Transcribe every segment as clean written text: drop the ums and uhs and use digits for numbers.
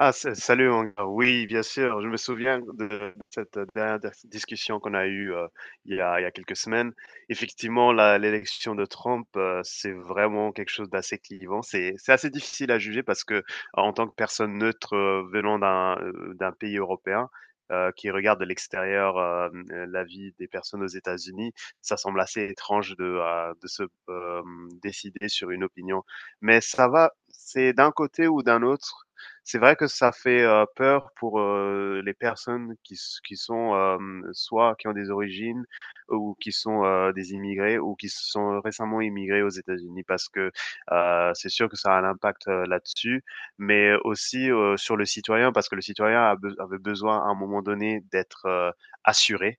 Ah, salut, mon gars. Oui, bien sûr. Je me souviens de cette dernière discussion qu'on a eue il y a quelques semaines. Effectivement, l'élection de Trump, c'est vraiment quelque chose d'assez clivant. C'est assez difficile à juger parce que, en tant que personne neutre venant d'un pays européen, qui regarde de l'extérieur la vie des personnes aux États-Unis, ça semble assez étrange de se décider sur une opinion. Mais ça va, c'est d'un côté ou d'un autre, c'est vrai que ça fait, peur pour, les personnes qui sont, soit qui ont des origines ou qui sont, des immigrés ou qui sont récemment immigrés aux États-Unis parce que, c'est sûr que ça a un impact, là-dessus, mais aussi, sur le citoyen parce que le citoyen a be avait besoin à un moment donné d'être, assuré.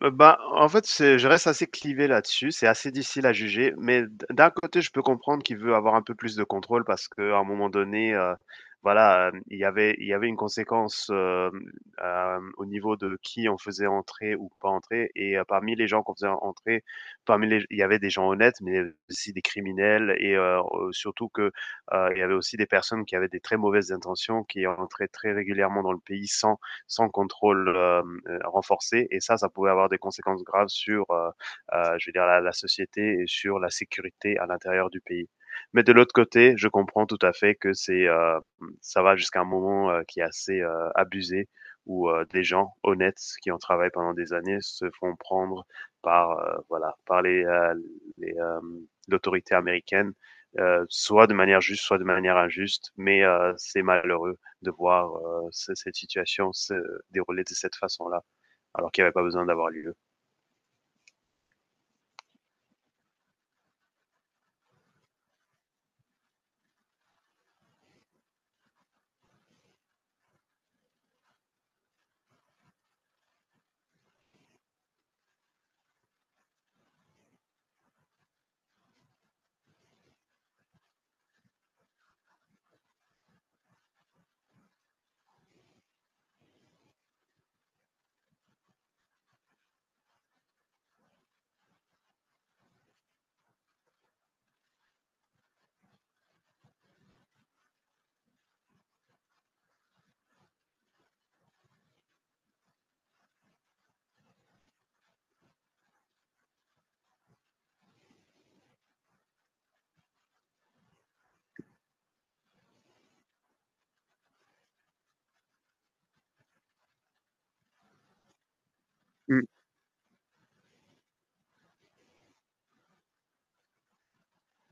Bah, en fait, c'est je reste assez clivé là-dessus, c'est assez difficile à juger, mais d'un côté, je peux comprendre qu'il veut avoir un peu plus de contrôle parce qu'à un moment donné, voilà, il y avait une conséquence, au niveau de qui on faisait entrer ou pas entrer, et parmi les gens qu'on faisait entrer, parmi les il y avait des gens honnêtes, mais aussi des criminels. Et surtout que, il y avait aussi des personnes qui avaient des très mauvaises intentions, qui entraient très régulièrement dans le pays sans sans contrôle renforcé. Et ça pouvait avoir des conséquences graves sur, je veux dire, la société et sur la sécurité à l'intérieur du pays. Mais de l'autre côté, je comprends tout à fait que c'est, ça va jusqu'à un moment qui est assez abusé où des gens honnêtes qui ont travaillé pendant des années se font prendre par, voilà, par les, euh, l'autorité américaine, soit de manière juste, soit de manière injuste. Mais c'est malheureux de voir cette situation se déroulait de cette façon-là, alors qu'il n'y avait pas besoin d'avoir lieu. Mmh.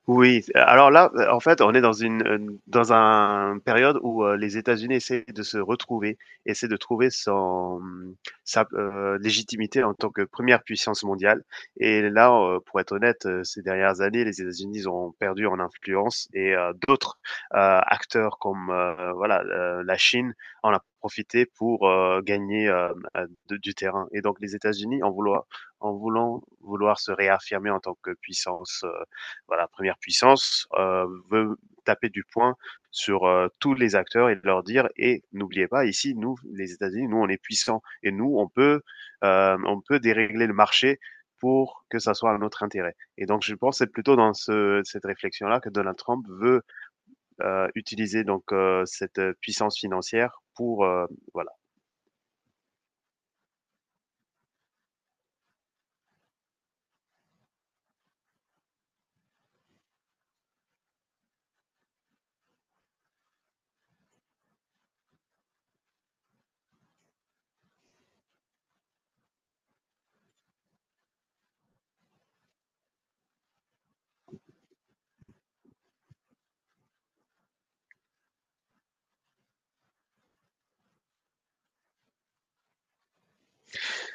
Oui, alors là, en fait, on est dans une, dans un période où, les États-Unis essaient de se retrouver, essaient de trouver son, sa, légitimité en tant que première puissance mondiale. Et là, pour être honnête, ces dernières années, les États-Unis, ils ont perdu en influence, et d'autres, acteurs comme, voilà, la Chine en a profité pour, gagner, de du terrain. Et donc les États-Unis en voulant vouloir se réaffirmer en tant que puissance, voilà, première puissance, veut taper du poing sur tous les acteurs et de leur dire: et n'oubliez pas, ici nous les États-Unis, nous on est puissants, et nous on peut dérégler le marché pour que ça soit à notre intérêt. Et donc, je pense c'est plutôt dans cette réflexion-là que Donald Trump veut utiliser donc cette puissance financière pour voilà.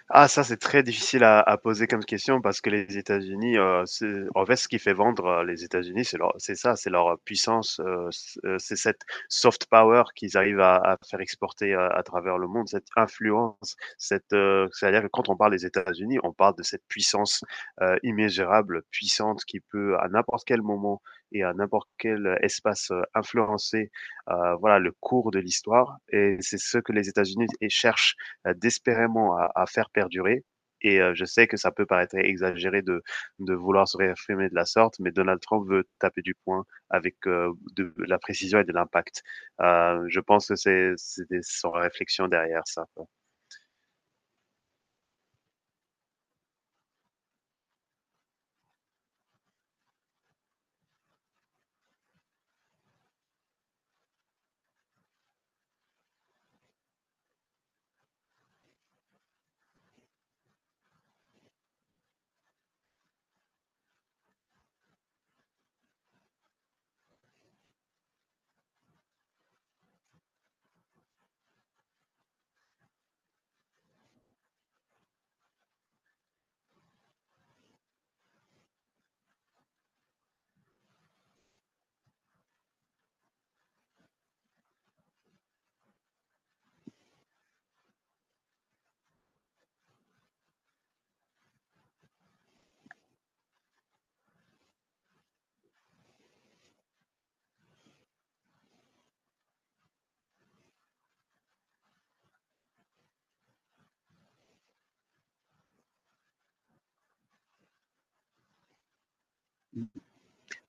Ah, ça, c'est très difficile à poser comme question parce que les États-Unis, c'est en fait, ce qui fait vendre, les États-Unis, c'est leur c'est leur puissance, c'est cette soft power qu'ils arrivent à faire exporter, à travers le monde, cette influence, cette, c'est-à-dire que quand on parle des États-Unis, on parle de cette puissance, immesurable, puissante, qui peut à n'importe quel moment et à n'importe quel espace, influencer, voilà, le cours de l'histoire, et c'est ce que les États-Unis et cherchent désespérément à faire perdurer. Et je sais que ça peut paraître exagéré de vouloir se réaffirmer de la sorte, mais Donald Trump veut taper du poing avec de la précision et de l'impact. Je pense que son réflexion derrière ça.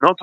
Non.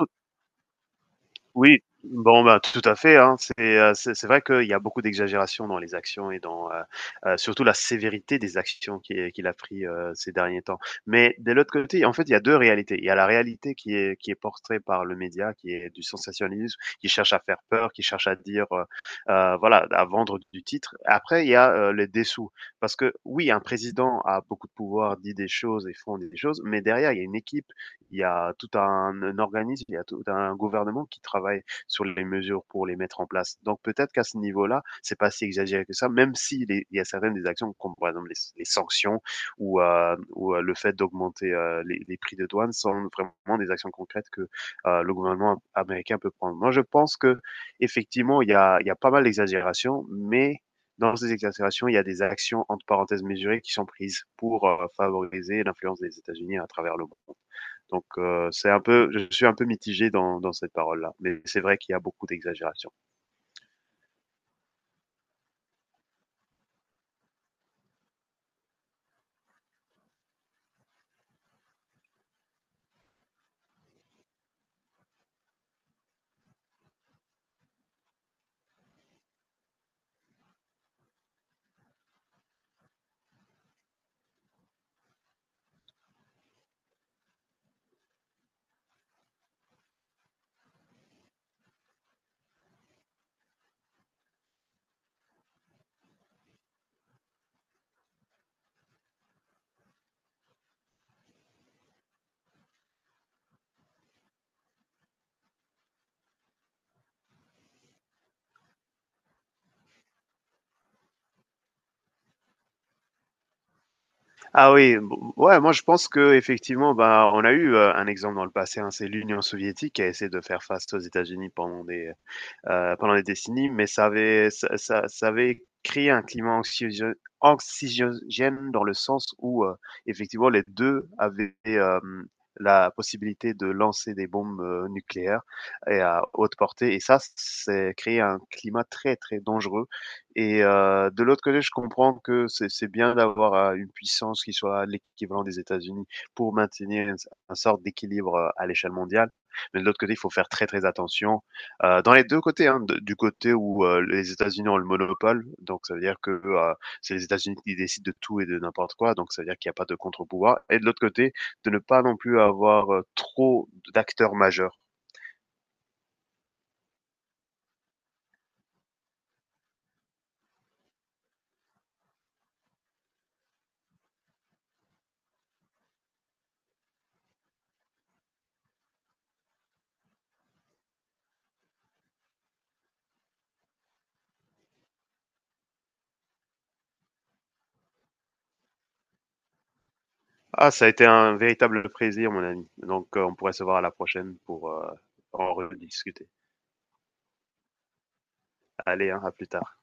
Oui, bon, ben, tout à fait, hein. C'est vrai qu'il y a beaucoup d'exagération dans les actions et dans, surtout la sévérité des actions qui est qu'il a pris, ces derniers temps. Mais de l'autre côté, en fait, il y a 2 réalités. Il y a la réalité qui est portée par le média, qui est du sensationnalisme, qui cherche à faire peur, qui cherche à dire, voilà, à vendre du titre. Après, il y a, les dessous. Parce que oui, un président a beaucoup de pouvoir, dit des choses et font des choses, mais derrière, il y a une équipe, il y a tout un organisme, il y a tout un gouvernement qui travaille sur les mesures pour les mettre en place. Donc peut-être qu'à ce niveau-là, c'est pas si exagéré que ça, même s'il si les, il y a certaines des actions, comme par exemple les sanctions, ou, le fait d'augmenter prix de douane, sont vraiment des actions concrètes que le gouvernement américain peut prendre. Moi, je pense que effectivement, il y a pas mal d'exagérations, mais dans ces exagérations, il y a des actions entre parenthèses mesurées qui sont prises pour favoriser l'influence des États-Unis à travers le monde. Donc, c'est un peu, je suis un peu mitigé dans, dans cette parole-là, mais c'est vrai qu'il y a beaucoup d'exagération. Ah oui, bon, ouais, moi je pense que effectivement, bah, on a eu un exemple dans le passé, hein, c'est l'Union soviétique qui a essayé de faire face aux États-Unis pendant des décennies, mais ça avait, ça avait créé un climat anxiogène, anxiogène dans le sens où effectivement les deux avaient la possibilité de lancer des bombes nucléaires et à haute portée. Et ça, c'est créé un climat très, très dangereux. Et de l'autre côté, je comprends que c'est bien d'avoir une puissance qui soit l'équivalent des États-Unis, pour maintenir une sorte d'équilibre à l'échelle mondiale. Mais de l'autre côté, il faut faire très, très attention dans les deux côtés, hein, du côté où les États-Unis ont le monopole, donc ça veut dire que c'est les États-Unis qui décident de tout et de n'importe quoi, donc ça veut dire qu'il n'y a pas de contre-pouvoir. Et de l'autre côté, de ne pas non plus avoir trop d'acteurs majeurs. Ah, ça a été un véritable plaisir, mon ami. Donc on pourrait se voir à la prochaine pour en rediscuter. Allez, hein, à plus tard.